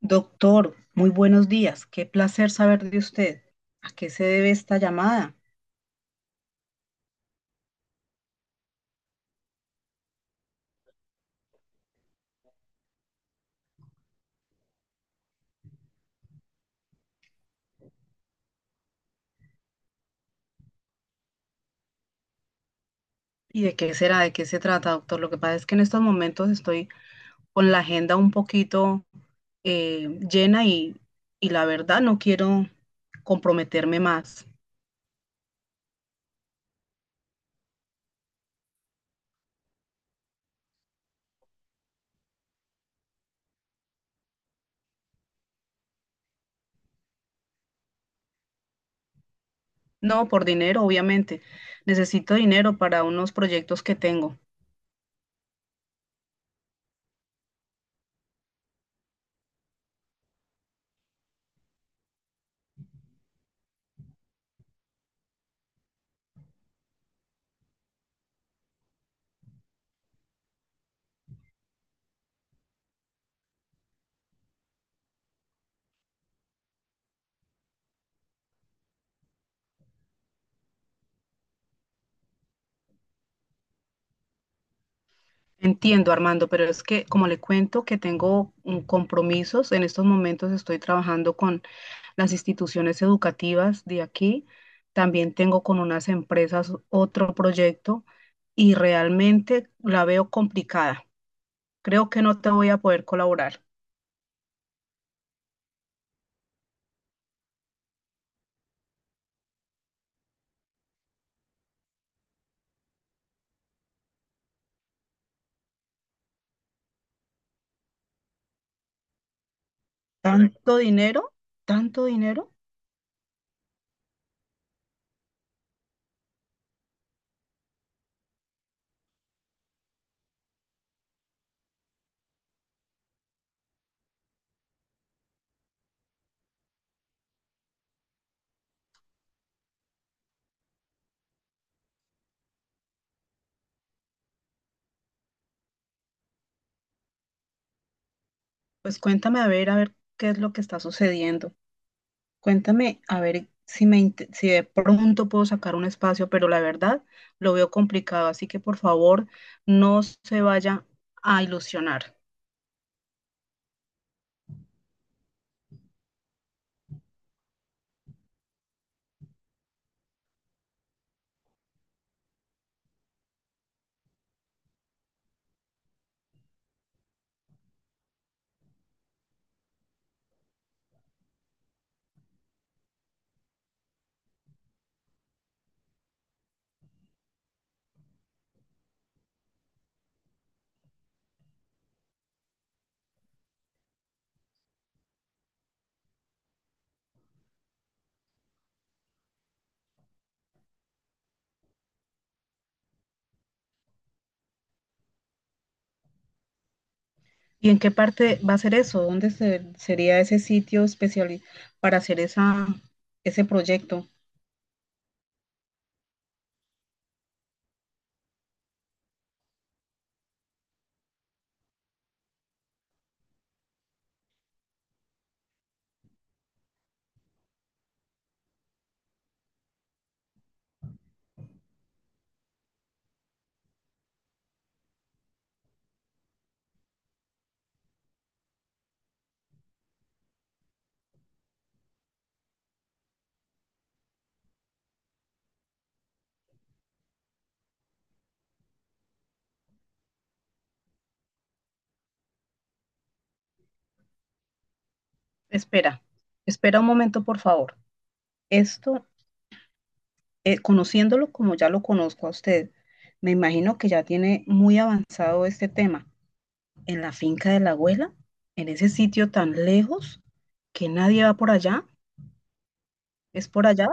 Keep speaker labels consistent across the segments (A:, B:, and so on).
A: Doctor, muy buenos días. Qué placer saber de usted. ¿A qué se debe esta llamada? ¿Y de qué será? ¿De qué se trata, doctor? Lo que pasa es que en estos momentos estoy con la agenda un poquito llena y la verdad no quiero comprometerme más. No, por dinero, obviamente. Necesito dinero para unos proyectos que tengo. Entiendo, Armando, pero es que como le cuento que tengo compromisos, en estos momentos estoy trabajando con las instituciones educativas de aquí, también tengo con unas empresas otro proyecto y realmente la veo complicada. Creo que no te voy a poder colaborar. Correcto. ¿Tanto dinero? ¿Tanto dinero? Pues cuéntame a ver qué es lo que está sucediendo. Cuéntame, a ver si si de pronto puedo sacar un espacio, pero la verdad lo veo complicado, así que por favor no se vaya a ilusionar. ¿Y en qué parte va a ser eso? ¿Dónde sería ese sitio especial para hacer ese proyecto? Espera, espera un momento, por favor. Esto, conociéndolo como ya lo conozco a usted, me imagino que ya tiene muy avanzado este tema. En la finca de la abuela, en ese sitio tan lejos que nadie va por allá. ¿Es por allá?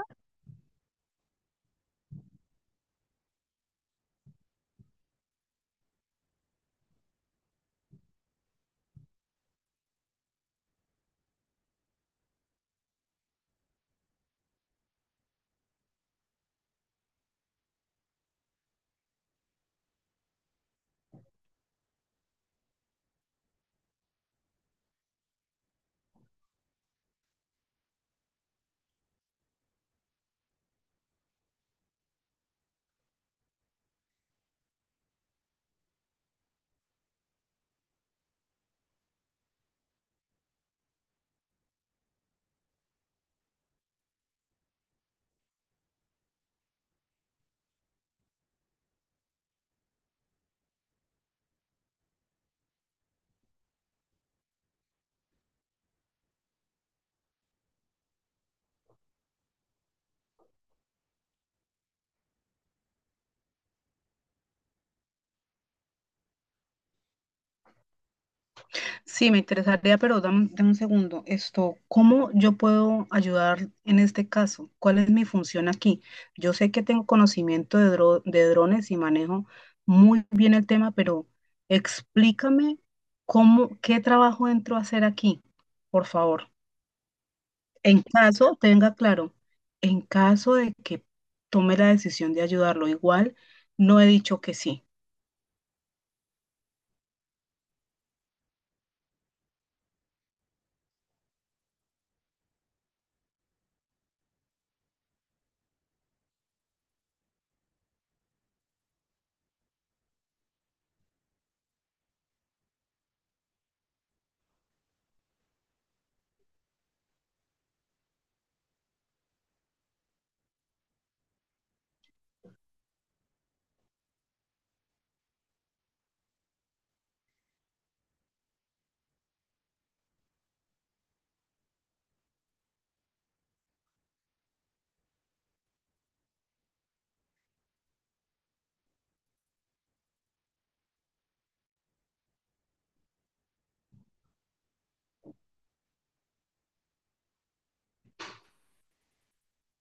A: Sí, me interesaría, pero dame, dame un segundo. Esto, ¿cómo yo puedo ayudar en este caso? ¿Cuál es mi función aquí? Yo sé que tengo conocimiento de, de drones y manejo muy bien el tema, pero explícame cómo, qué trabajo entro a hacer aquí, por favor. En caso, tenga claro, en caso de que tome la decisión de ayudarlo, igual no he dicho que sí.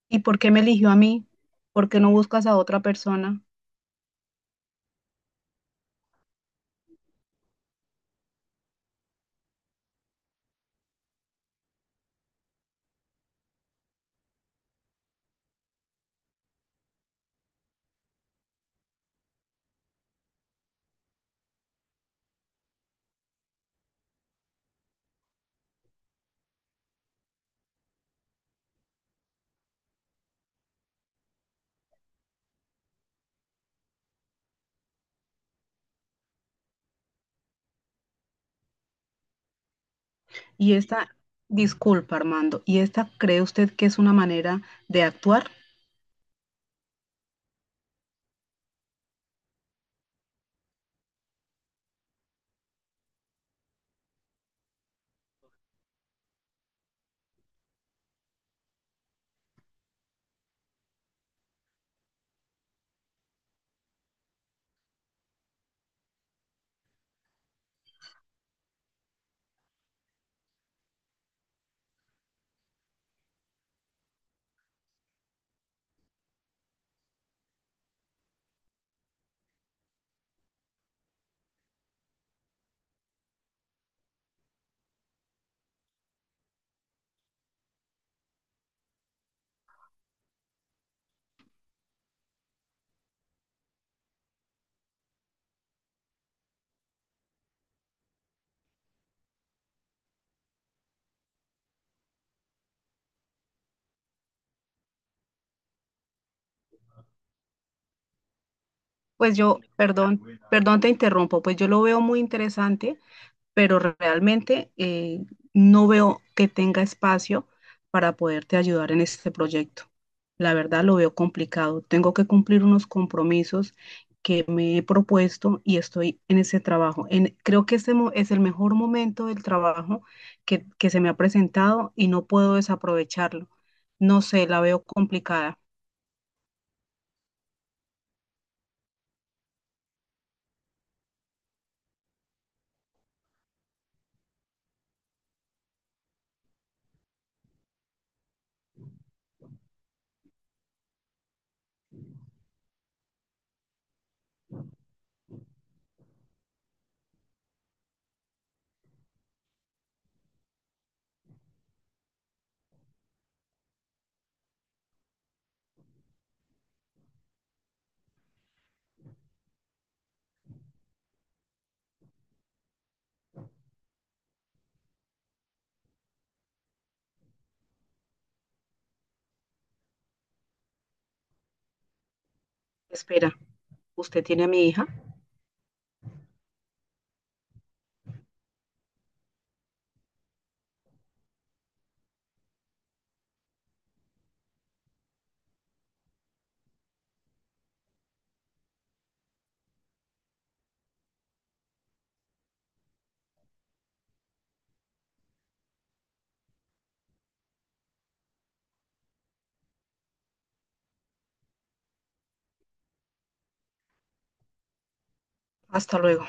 A: ¿Y por qué me eligió a mí? ¿Por qué no buscas a otra persona? Y esta, disculpa, Armando, ¿y esta cree usted que es una manera de actuar? Pues yo, perdón, perdón, te interrumpo, pues yo lo veo muy interesante pero realmente no veo que tenga espacio para poderte ayudar en este proyecto. La verdad lo veo complicado. Tengo que cumplir unos compromisos que me he propuesto y estoy en ese trabajo. En, creo que este es el mejor momento del trabajo que se me ha presentado y no puedo desaprovecharlo. No sé, la veo complicada. Espera, ¿usted tiene a mi hija? Hasta luego.